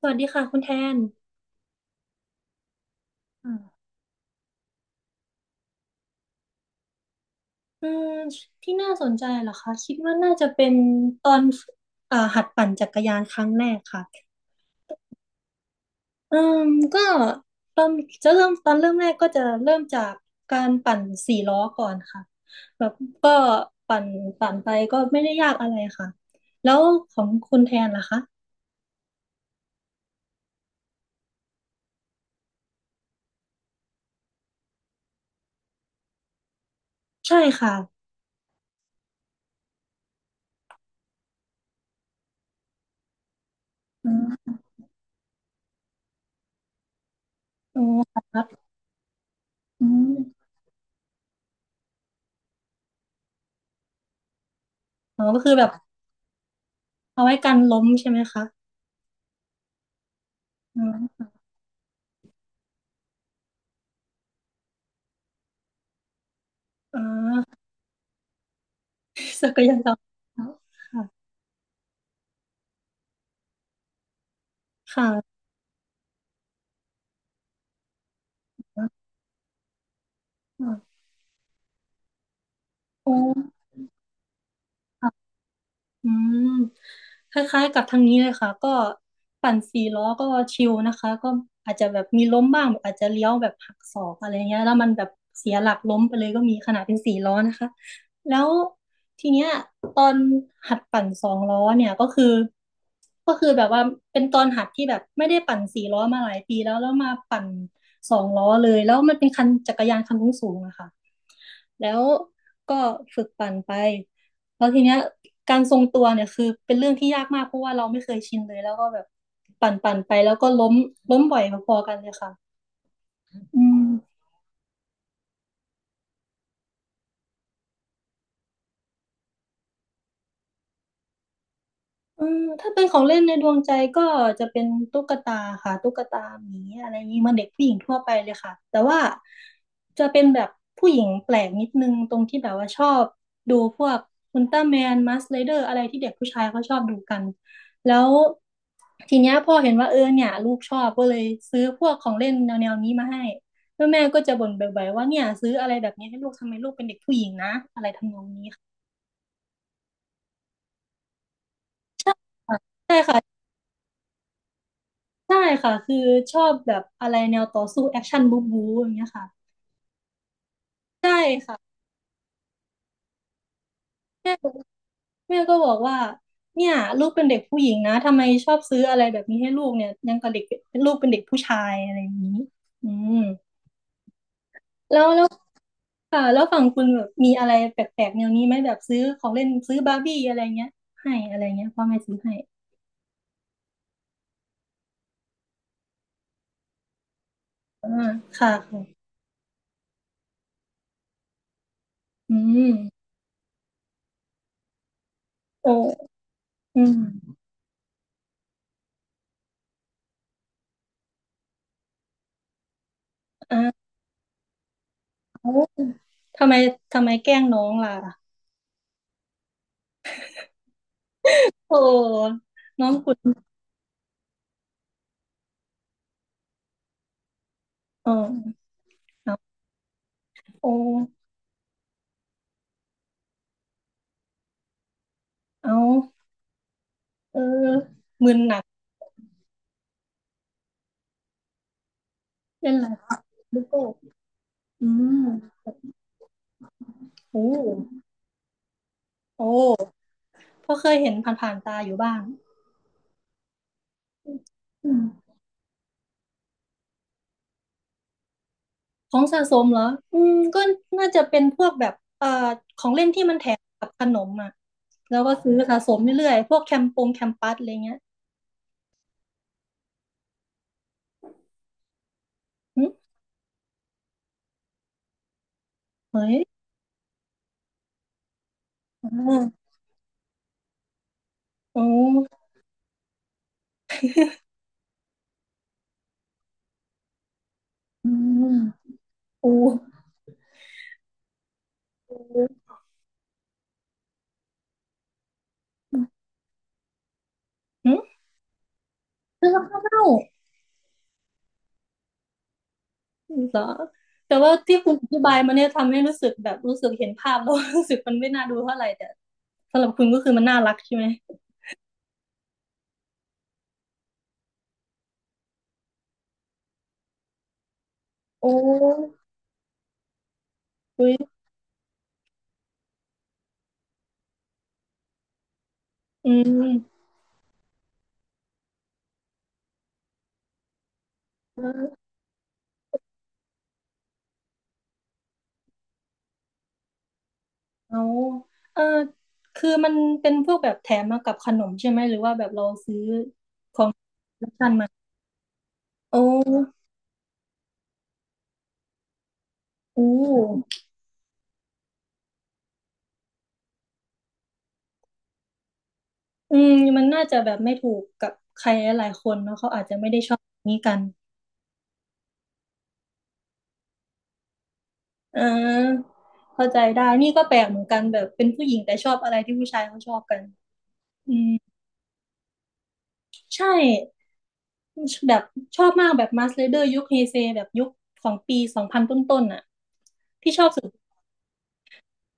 สวัสดีค่ะคุณแทนอืมอืมที่น่าสนใจเหรอคะคิดว่าน่าจะเป็นตอนหัดปั่นจักรยานครั้งแรกค่ะอืมก็ตอนจะเริ่มตอนเริ่มแรกก็จะเริ่มจากการปั่นสี่ล้อก่อนค่ะแบบก็ปั่นปั่นไปก็ไม่ได้ยากอะไรค่ะแล้วของคุณแทนล่ะคะใช่ค่ะอืมอ๋อครับอืมอ๋อก็คือแบบเอาไว้กันล้มใช่ไหมคะอืมอ๋อ จักรยานล้อนค่ะ ค่ะโอ้ค่ะ อืมคล้ายๆกับทางนี้เลยค่ะก็ปั่นสี่ล้อก็ชิลนะคะก็อาจจะแบบมีล้มบ้างแบบอาจจะเลี้ยวแบบหักศอกอะไรเงี้ยแล้วมันแบบเสียหลักล้มไปเลยก็มีขนาดเป็นสี่ล้อนะคะแล้วทีเนี้ยตอนหัดปั่นสองล้อเนี่ยก็คือแบบว่าเป็นตอนหัดที่แบบไม่ได้ปั่นสี่ล้อมาหลายปีแล้วแล้วมาปั่นสองล้อเลยแล้วมันเป็นคันจักรยานคันสูงๆอะค่ะแล้วก็ฝึกปั่นไป แล้วทีเนี้ยการทรงตัวเนี่ยคือเป็นเรื่องที่ยากมากเพราะว่าเราไม่เคยชินเลยแล้วก็แบบปั่นปั่นไปแล้วก็ล้มล้มบ่อยพอๆกันเลยค่ะอืม อืมถ้าเป็นของเล่นในดวงใจก็จะเป็นตุ๊กตาค่ะตุ๊กตาหมีอะไรอย่างนี้เหมันเด็กผู้หญิงทั่วไปเลยค่ะแต่ว่าจะเป็นแบบผู้หญิงแปลกนิดนึงตรงที่แบบว่าชอบดูพวกอุลตร้าแมนมัสไรเดอร์อะไรที่เด็กผู้ชายเขาชอบดูกันแล้วทีเนี้ยพ่อเห็นว่าเออเนี่ยลูกชอบก็เลยซื้อพวกของเล่นแนวนี้มาให้แล้วแม่ก็จะบ่นบ่อยๆว่าเนี่ยซื้ออะไรแบบนี้ให้ลูกทำไมลูกเป็นเด็กผู้หญิงนะอะไรทำนองนี้ค่ะใช่ค่ะ ใช่ค่ะคือชอบแบบอะไรแนวต่อสู้แอคชั่นบู๊บู๊อย่างเงี้ยค่ะใช่ค่ะแม่แม่ก็บอกว่าเนี่ยลูกเป็นเด็กผู้หญิงนะทำไมชอบซื้ออะไรแบบนี้ให้ลูกเนี่ยยังกับเด็กเป็นลูกเป็นเด็กผู้ชายอะไรอย่างนี้อืมแล้วค่ะแล้วฝั่งคุณแบบมีอะไรแปลกๆแนวนี้ไหมแบบซื้อของเล่นซื้อบาร์บี้อะไรเงี้ยให้อะไรเงี้ยพ่อแม่ซื้อให้อ่าค่ะค่ะอืมโอ้อืมอ้าวทำไมทำไมแกล้งน้องล่ะโอ้น้องคุณ เออเอาโอเอาเออมึนหนักเล่นอะไรลูกโก้อืมโอ้โอ้เพราะเคยเห็นผ่านๆตาอยู่บ้างอืมของสะสมเหรออืมก็น่าจะเป็นพวกแบบของเล่นที่มันแถมกับขนมอ่ะแล้วก็ซื้อสะสมเรื่อยๆพวกแคมปงแคมปัสอะไรเงี้ยอืมเฮ้ยอ๋อโอ้อืมโอ้โอ้อืซื้อแล้วก็เล่า เหรอแต่ว่าที่คุณอธิบายมาเนี่ยทำให้รู้สึกแบบรู้สึกเห็นภาพแล้ว รู้สึกมันไม่น่าดูเท่าไหร่แต่สำหรับคุณก็คือมันน่ารักใช่ไหมโอ้อุ๊ยอืมเออเอาเออคือมันเป็นพวกแบบแถมมากับขนมใช่ไหมหรือว่าแบบเราซื้อโอ้อู้อืมมันน่าจะแบบไม่ถูกกับใครหลายๆคนเนาะเขาอาจจะไม่ได้ชอบแบบนี้กันเอ่าเข้าใจได้นี่ก็แปลกเหมือนกันแบบเป็นผู้หญิงแต่ชอบอะไรที่ผู้ชายเขาชอบกันอืมใช่ แบบชอบมากแบบมาสเลเดอร์ยุคเฮเซแบบยุคของปีสองพันต้นๆน่ะที่ชอบสุด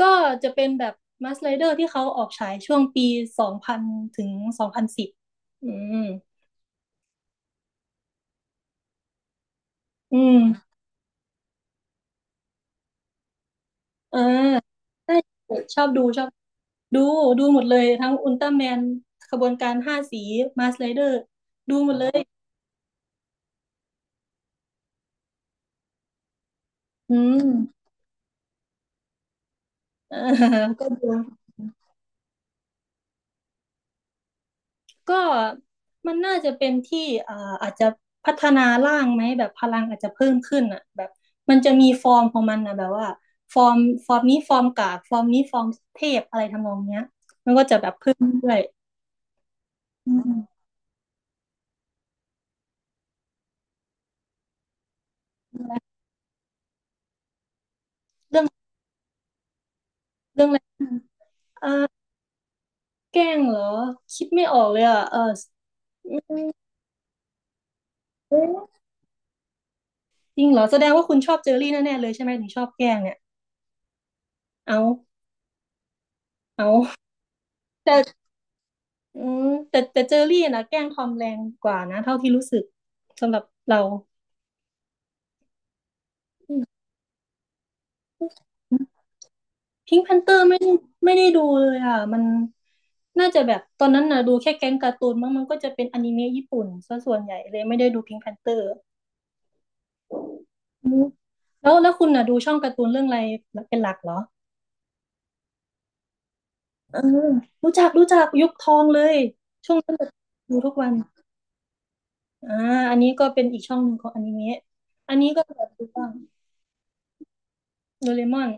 ก็จะเป็นแบบมาสเลเดอร์ที่เขาออกฉายช่วงปีสองพันถึง2010อืมอืมเออใช่ชอบดูชอบดูดูหมดเลยทั้งอุลตร้าแมนขบวนการห้าสีมาสเลเดอร์ดูหมดเลยอืมเออก็ดู ก็มันน่าจะเป็นที่อ่าอาจจะพัฒนาร่างไหมแบบพลังอาจจะเพิ่มขึ้นอ่ะแบบมันจะมีฟอร์มของมันนะแบบว่าฟอร์มฟอร์มนี้ฟอร์มกากฟอร์มนี้ฟอร์มเทพอะไรทำนองเนี้ยเพิ่มด้วยอืมเรื่องเรื่องอะไรอ่าแกล้งเหรอคิดไม่ออกเลยอ่ะเออเอ๊ะจริงเหรอแสดงว่าคุณชอบเจอรี่แน่ๆเลยใช่ไหมถึงชอบแกล้งเนี่ยเอาเอาแต่อืมแต่แต่เจอรี่นะแกล้งทอมแรงกว่านะเท่าที่รู้สึกสำหรับเรา พิงค์แพนเตอร์ไม่ได้ดูเลยอ่ะมันน่าจะแบบตอนนั้นนะดูแค่แก๊งการ์ตูนมั้งมันก็จะเป็นอนิเมะญี่ปุ่นซะส่วนใหญ่เลยไม่ได้ดูพิงค์แพนเตอร์แล้วคุณน่ะดูช่องการ์ตูนเรื่องอะไรเป็นหลักเหรอเออรู้จักยุคทองเลยช่วงนั้นแบบดูทุกวันอ่าอันนี้ก็เป็นอีกช่องหนึ่งของอนิเมะอันนี้ก็แบบดูบ้างโดเรมอน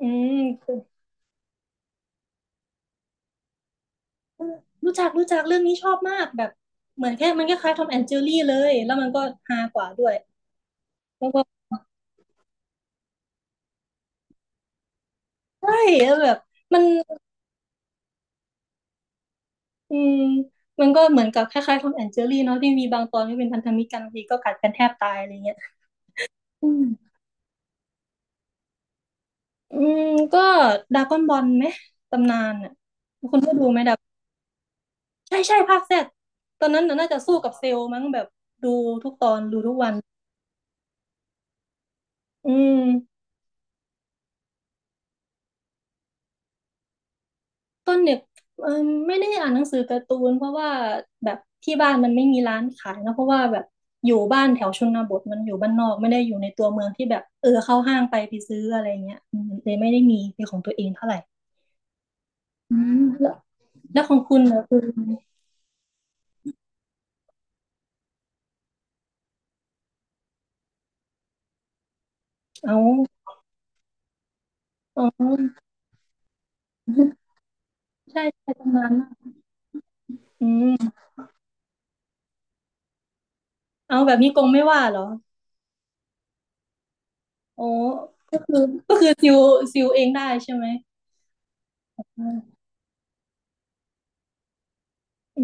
อืมรู้จักเรื่องนี้ชอบมากแบบเหมือนแค่มันคล้ายๆทอมแอนด์เจอรี่เลยแล้วมันก็ฮากว่าด้วย แล้วก็ใช่แล้วแบบมันอืมมันก็เหมือนกับคล้ายๆทอมแอนเจอรี่เนาะที่มีบางตอนที่เป็นพันธมิตรกันบางทีก็กัดกันแทบตายอะไรเงี้ยอืมอืมก็ดราก้อนบอลไหมตำนานอ่ะคุณได้ดูไหมดับใช่ใช่ภาคแซดตอนนั้นน่ะน่าจะสู้กับเซลล์มั้งแบบดูทุกตอนดูทุกวันอืม ตอนเด็กเออไม่ได้อ่านหนังสือการ์ตูนเพราะว่าแบบที่บ้านมันไม่มีร้านขายนะเพราะว่าแบบอยู่บ้านแถวชนบทมันอยู่บ้านนอกไม่ได้อยู่ในตัวเมืองที่แบบเออเข้าห้างไปซื้ออะไรเงี้ยอืมเลยไม่ได้มีเป็นของตัวเองเท่าไหร่อืมแล้วของคุณเนะคือเอาอ๋อใช่ใช่ตรงนานมากอืมเอาแบบนี้กงไม่ว่าเหรอโอ้ก็คือก็คือซิวซิวเองได้ใช่ไหมอืมอื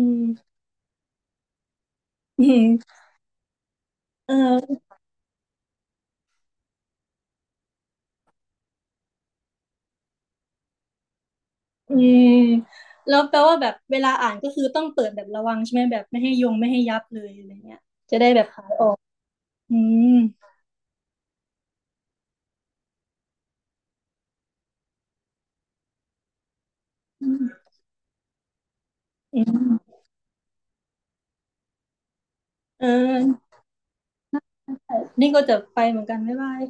มเออ อืมแล้วแปลว่าแบบเวลาอ่านก็คือต้องเปิดแบบระวังใช่ไหมแบบไม่ให้ยับเลยอะไรเงี้ยจะได้แบบขายออกอืมอืมอืมเออนี่ก็จะไปเหมือนกันบ๊ายบาย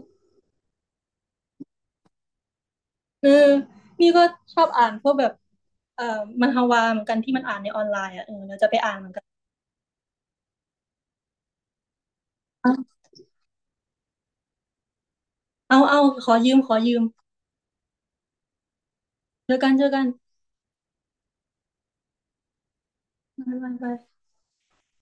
เออนี่ก็ชอบอ่านพวกแบบเอ่อมันฮวาเหมือนกันที่มันอ่านในออนไลน์อ่ะเออเราจะไปอ่านเหมือนกันเอาขอยืมเจอกันบ๊ายบาย